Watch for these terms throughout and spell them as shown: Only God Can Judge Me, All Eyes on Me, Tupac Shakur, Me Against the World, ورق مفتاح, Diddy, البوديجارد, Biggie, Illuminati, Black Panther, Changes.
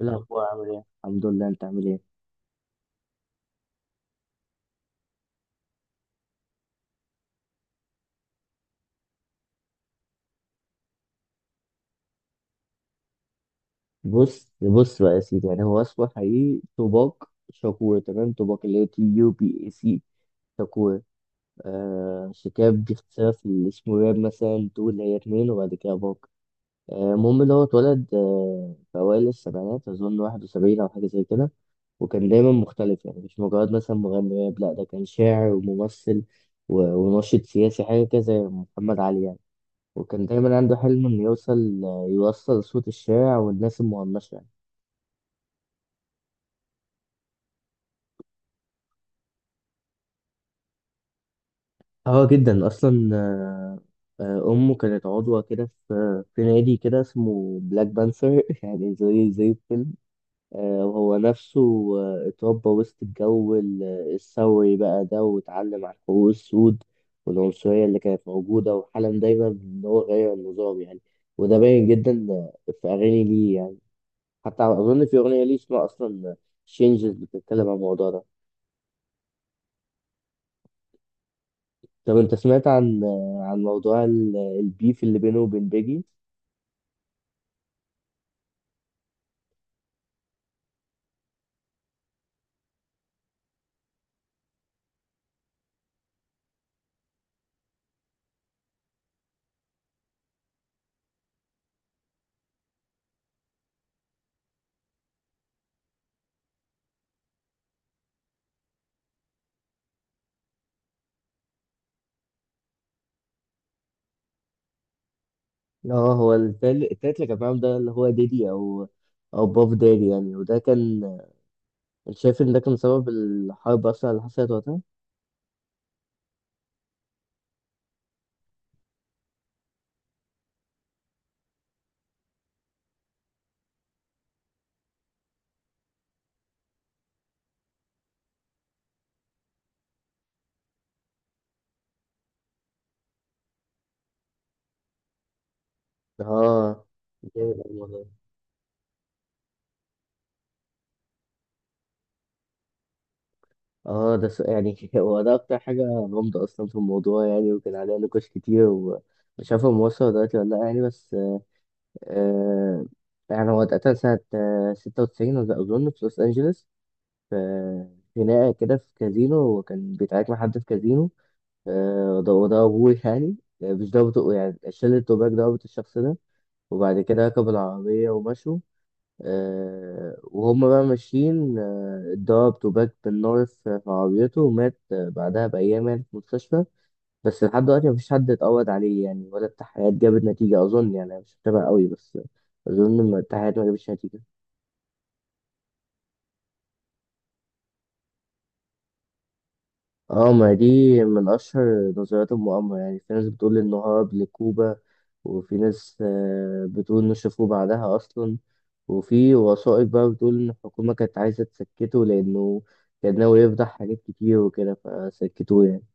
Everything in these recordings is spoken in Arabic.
إيه الأخبار عامل إيه؟ الحمد لله، أنت عامل إيه؟ بص بص بقى يا سيدي، يعني هو اسمه حقيقي توباك شاكور. تمام، توباك اللي هي تي يو بي اي سي شاكور. شيكاب باختصار في الاسم راب، مثلا تو اللي هي اتنين وبعد كده باك. المهم اللي هو اتولد في أوائل السبعينات، أظن 71 أو حاجة زي كده. وكان دايما مختلف يعني، مش مجرد مثلا مغني راب، لا ده كان شاعر وممثل وناشط سياسي، حاجة كده زي محمد علي يعني. وكان دايما عنده حلم انه يوصل، يوصل صوت الشارع والناس المهمشة يعني. اه، جدا اصلا. آه، امه كانت عضوة كده في نادي كده اسمه بلاك بانثر يعني زي الفيلم. وهو نفسه اتربى وسط الجو الثوري بقى ده، واتعلم عن حقوق السود والعنصرية اللي كانت موجودة، وحلم دايما ان هو يغير النظام يعني. وده باين جدا في اغاني ليه يعني. حتى اظن في اغنيه ليه اسمها اصلا changes، بتتكلم عن الموضوع ده. طب انت سمعت عن موضوع البيف اللي بينه وبين بيجي؟ اه، هو التالت اللي كان معاهم ده، اللي هو ديدي او باف دادي يعني، وده كان. انت شايف ان ده كان سبب الحرب اصلا اللي حصلت وقتها؟ اه، جامد أوي والله. اه، ده يعني هو ده اكتر حاجه غامضه اصلا في الموضوع يعني، وكان عليها نقاش كتير، ومش عارف هو موصل دلوقتي ولا لا يعني. بس آه يعني هو اتقتل سنة 96، أظن في لوس أنجلوس. في خناقة كده في كازينو، وكان بيتعارك مع حد في كازينو. ده، وده أبوه يعني. مش ضابط يعني شلة توباك ضابط الشخص ده، وبعد كده ركبوا العربية ومشوا. وهم بقى ماشيين اتضرب توباك بالنار في عربيته، ومات بعدها بأيام يعني في المستشفى. بس لحد دلوقتي مفيش حد اتقبض عليه يعني، ولا التحقيقات جابت نتيجة أظن. يعني أنا مش متابع قوي، بس أظن إن التحقيقات ما جابتش نتيجة. اه، ما دي من أشهر نظريات المؤامرة يعني. في ناس بتقول إنه هرب لكوبا، وفي ناس بتقول إنه شافوه بعدها أصلا. وفي وثائق بقى بتقول إن الحكومة كانت عايزة تسكته لأنه كان ناوي يفضح حاجات كتير وكده، فسكتوه يعني.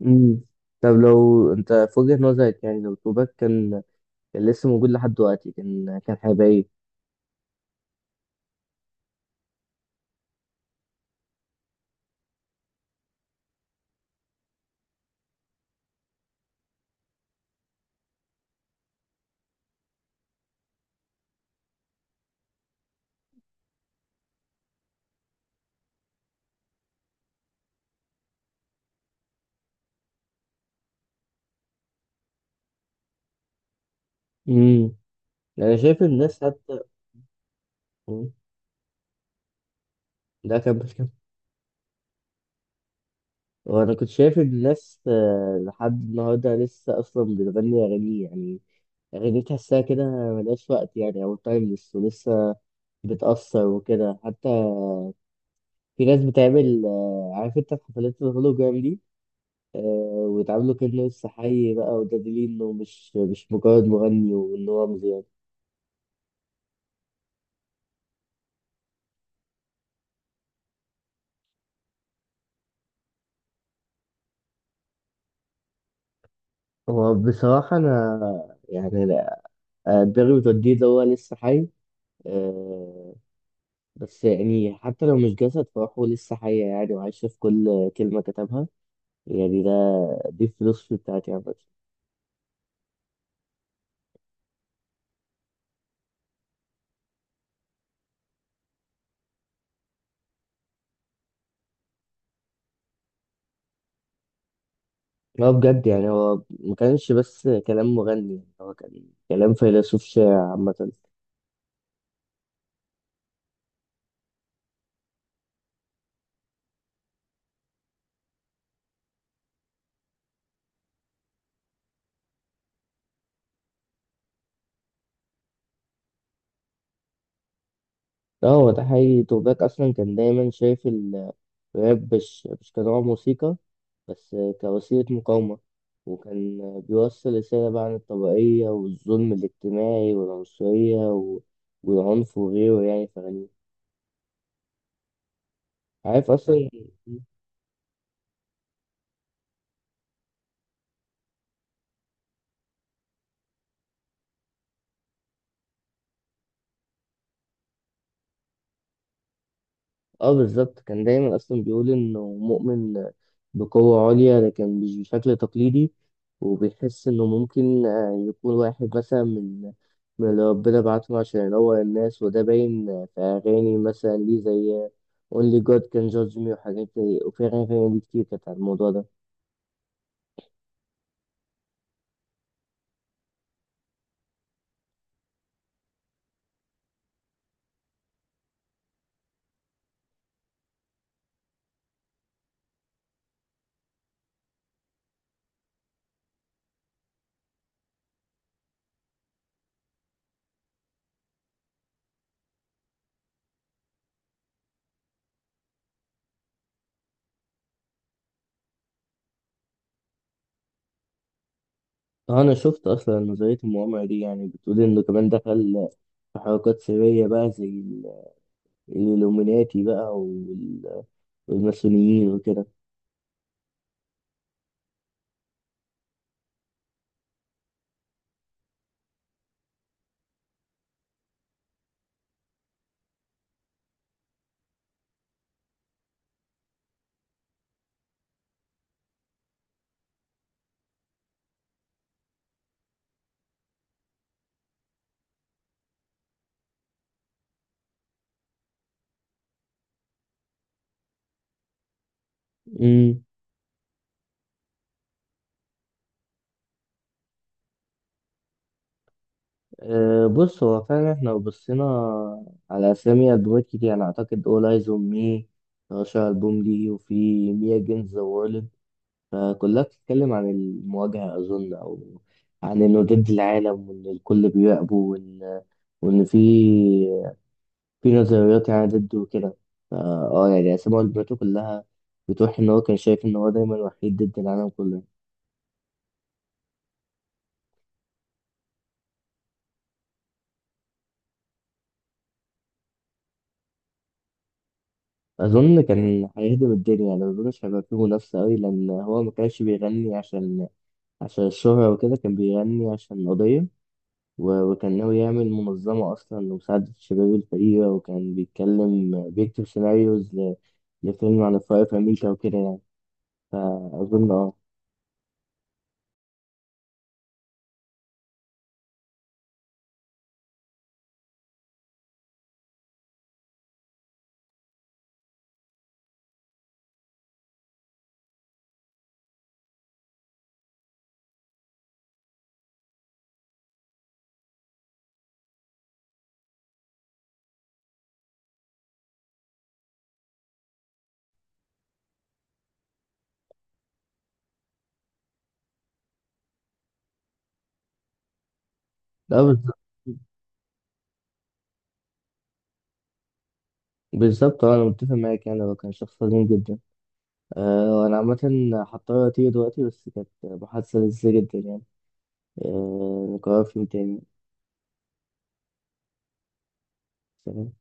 مم. طب لو أنت في وجهة نظرك، يعني لو كوبا كان لسه موجود لحد دلوقتي، كان هيبقى إيه؟ امم. انا شايف الناس حتى. مم. ده كان بس. وانا كنت شايف الناس لحد النهارده لسه اصلا بتغني اغاني يعني. اغاني تحسها كده ملهاش وقت يعني او تايمليس، ولسه بتأثر وكده. حتى في ناس بتعمل عارف انت حفلات الهولوجرام دي، آه، ويتعاملوا كأنه لسه حي بقى، ودليل انه مش مجرد مغني، وان هو رمز يعني. هو بصراحة أنا يعني لا، دماغي بتوديه اللي هو لسه حي. آه، بس يعني حتى لو مش جسد، فروحه لسه حية يعني، وعايشة في كل كلمة كتبها يعني. دي الفلوس بتاعتي عامة. هو بجد يعني، هو ما كانش بس كلام مغني يعني، هو كان كلام فيلسوف شاعر عامة. لا، هو ده حقيقي توباك أصلا كان دايما شايف الراب مش كنوع موسيقى، بس كوسيلة مقاومة. وكان بيوصل رسالة بقى عن الطبقية والظلم الاجتماعي والعنصرية والعنف وغيره يعني في أغانيه. عارف أصلا. اه، بالظبط، كان دايما اصلا بيقول انه مؤمن بقوة عليا لكن مش بشكل تقليدي، وبيحس انه ممكن يكون واحد مثلا من اللي ربنا بعته عشان ينور الناس. وده باين في اغاني مثلا ليه زي Only God Can Judge Me وحاجات زي، وفي اغاني تانية ليه كتير كانت عن الموضوع ده. اه، انا شفت اصلا نظرية المؤامرة دي، يعني بتقول انه كمان دخل في حركات سرية بقى زي الإلوميناتي بقى والماسونيين وكده. بص هو فعلا، احنا لو بصينا على أسامي ألبومات كتير، أنا أعتقد All Eyes on Me أشهر ألبوم ليه، وفي Me Against the World. فكلها بتتكلم عن المواجهة أظن، أو عن إنه ضد العالم، وإن الكل بيراقبه، وإن في نظريات يعني ضده وكده. فا اه يعني أسامي ألبوماته كلها بتوحي إن هو كان شايف إن هو دايما وحيد ضد العالم كله. أظن كان هيهدم الدنيا يعني، مظنش هيبقى فيه منافسة أوي، لأن هو مكانش بيغني عشان الشهرة وكده، كان بيغني عشان قضية وكان ناوي يعمل منظمة أصلا لمساعدة الشباب الفقيرة، وكان بيتكلم بيكتب سيناريوز لفيلم عن الفقر في أمريكا وكده يعني. فأظن لا بالظبط. بالظبط، أنا متفق معاك يعني، هو كان شخص عظيم جدا. وأنا عامة هضطر أطير دلوقتي، بس كانت محادثة لذيذة جدا يعني. نكررها في يوم تاني. سلام.